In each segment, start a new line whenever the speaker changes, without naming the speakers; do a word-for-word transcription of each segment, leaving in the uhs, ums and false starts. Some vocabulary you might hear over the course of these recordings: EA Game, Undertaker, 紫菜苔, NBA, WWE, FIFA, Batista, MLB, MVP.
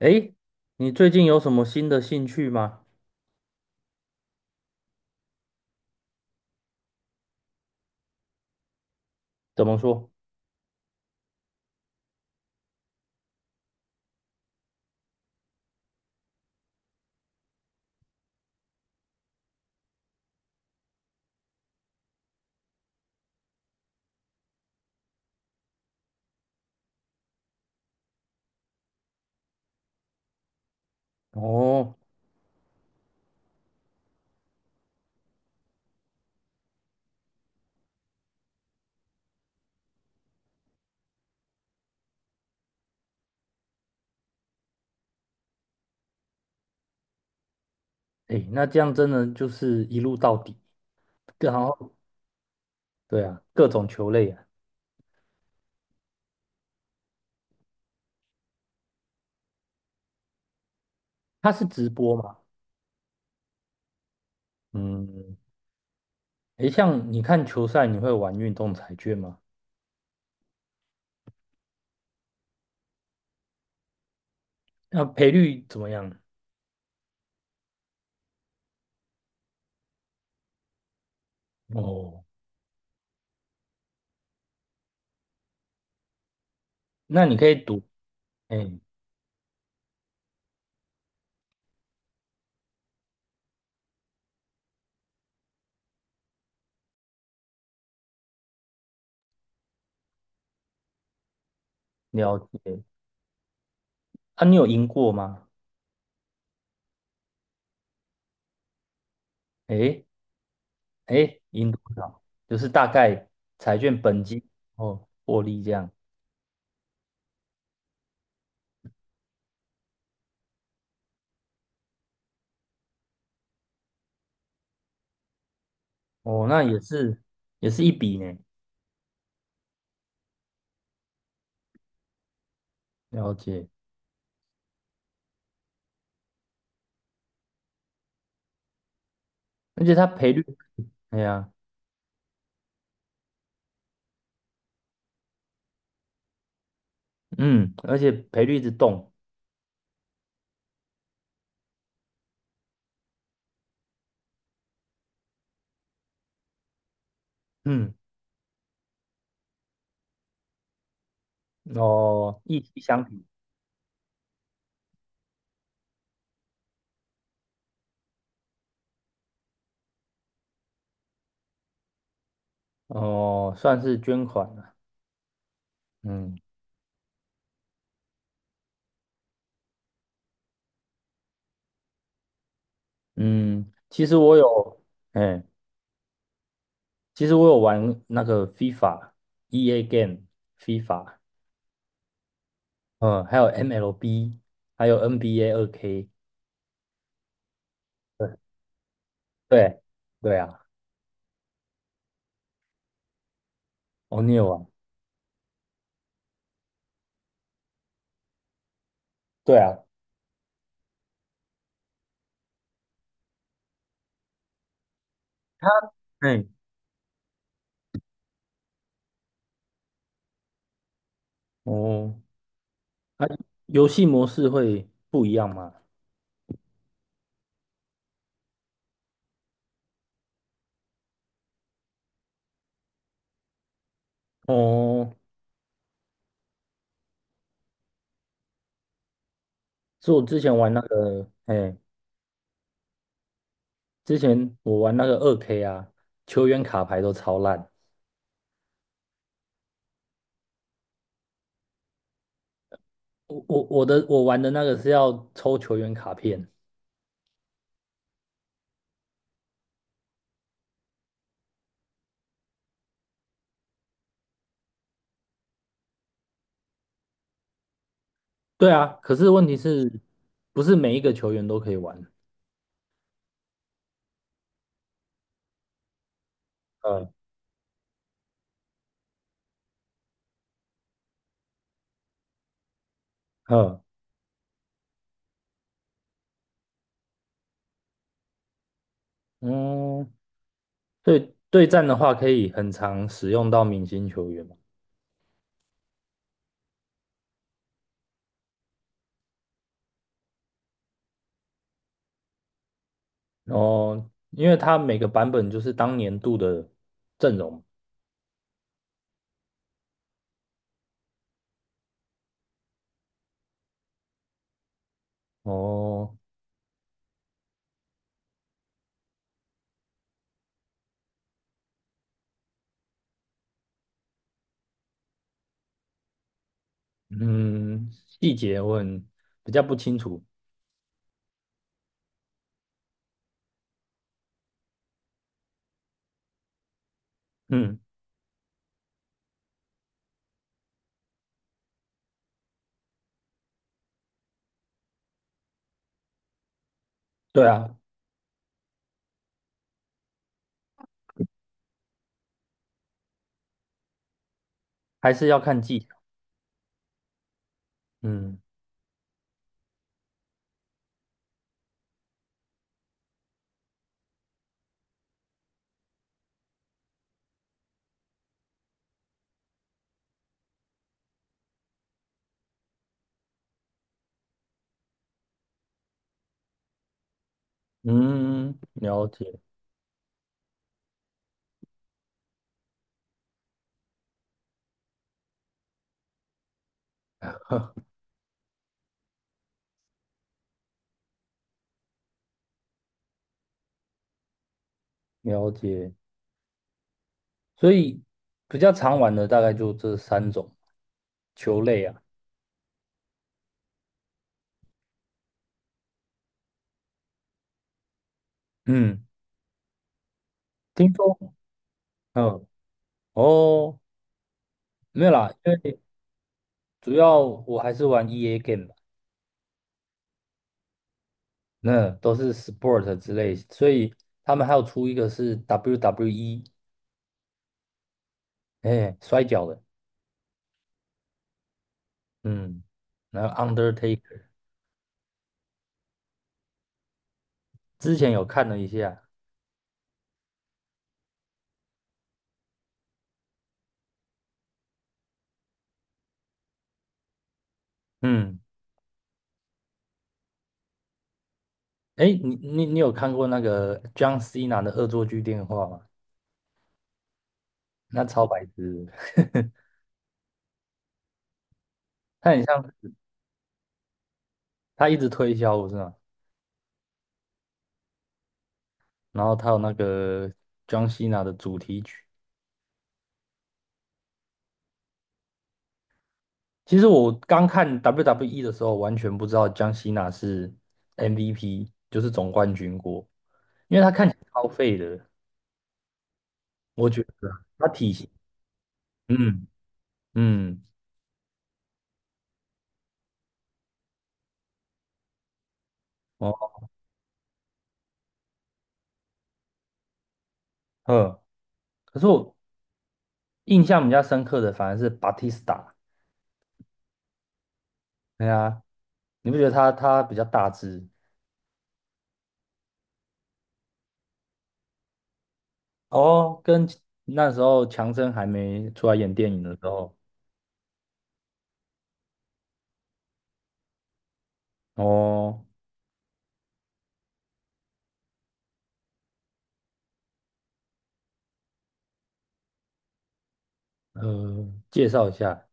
诶，你最近有什么新的兴趣吗？怎么说？哦，诶，那这样真的就是一路到底，然后对啊，各种球类啊，它是直播嘛？嗯，诶，像你看球赛，你会玩运动彩券吗？那赔率怎么样？哦，那你可以赌，哎，了解。啊，你有赢过吗？哎，哎，赢多少？就是大概彩券本金哦，获利这样。哦，那也是也是一笔呢。了解，而且它赔率，哎呀，嗯，而且赔率一直动，嗯，哦，一气相挺，哦，算是捐款了，嗯嗯，其实我有，哎，其实我有玩那个 FIFA、EA Game、FIFA，嗯，还有 M L B，还有 N B A 二 k 对对对啊，哦，你有玩？对啊，它，哎，哦，它游戏模式会不一样吗？哦。是我之前玩那个，哎，之前我玩那个二 K 啊，球员卡牌都超烂。我我我的我玩的那个是要抽球员卡片，对啊，可是问题是，不是每一个球员都可以玩？嗯嗯嗯，对对战的话，可以很常使用到明星球员嘛。哦，因为它每个版本就是当年度的阵容。哦，嗯，细节我很比较不清楚。嗯，对啊，还是要看季。嗯嗯，了解了解，所以比较常玩的大概就这三种球类啊。嗯，听说，嗯，哦，没有啦，因为主要我还是玩 E A game 吧，那都是 sport 之类，所以他们还有出一个是 W W E，哎，摔跤的，嗯，然后 Undertaker，之前有看了一下，嗯，哎，你你你有看过那个江西 h 的恶作剧电话吗？那超白痴的，他很像是他一直推销，不是吗？然后他有那个江 o 娜的主题曲。其实我刚看 W W E 的时候，完全不知道江 o 娜是 M V P，就是总冠军过，因为他看起来超废的，我觉得啊他体型，嗯嗯哦呵，可是我印象比较深刻的反而是 Batista，对啊，你不觉得他他比较大只？哦，跟那时候强森还没出来演电影的时候。哦，呃，介绍一下，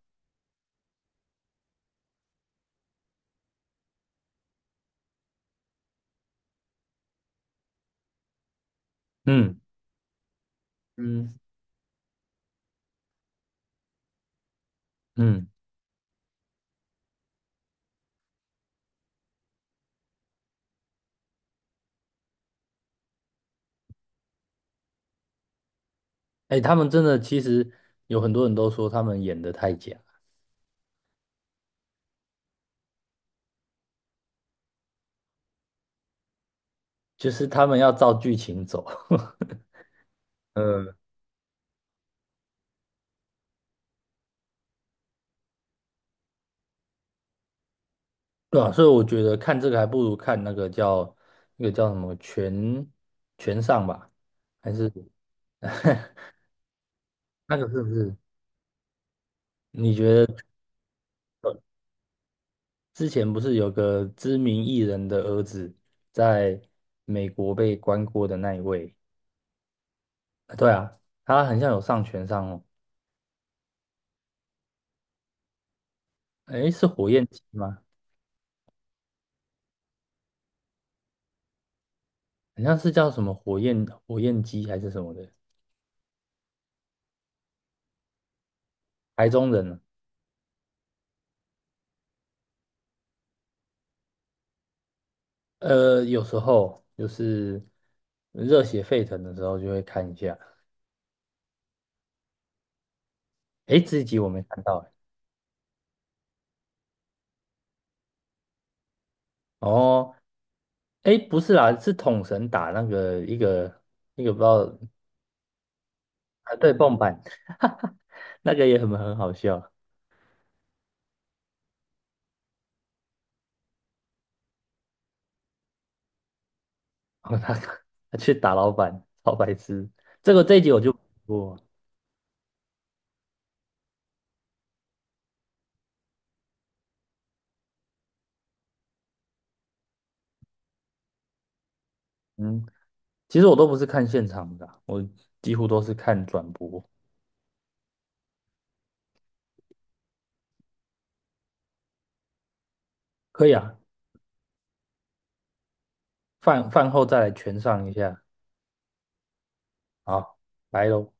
嗯嗯，嗯，哎，他们真的其实有很多人都说他们演的太假，就是他们要照剧情走，呃，对啊，所以我觉得看这个还不如看那个叫那个叫什么全全上吧，还是 那个是不是？你觉得呃之前不是有个知名艺人的儿子在美国被关过的那一位？啊对啊，他很像有上全上哦。哎，是火焰鸡吗？好像是叫什么火焰火焰鸡还是什么的，台中人啊。呃，有时候就是热血沸腾的时候就会看一下。哎，这一集我没看到诶。哦，哎，不是啦，是统神打那个一个一个不知道啊，对，蹦板，那个也很很好笑。哦，他他去打老板，好白痴。这个这一集我就不，嗯，其实我都不是看现场的啊我几乎都是看转播。可以啊，饭饭后再来全上一下。好，来喽。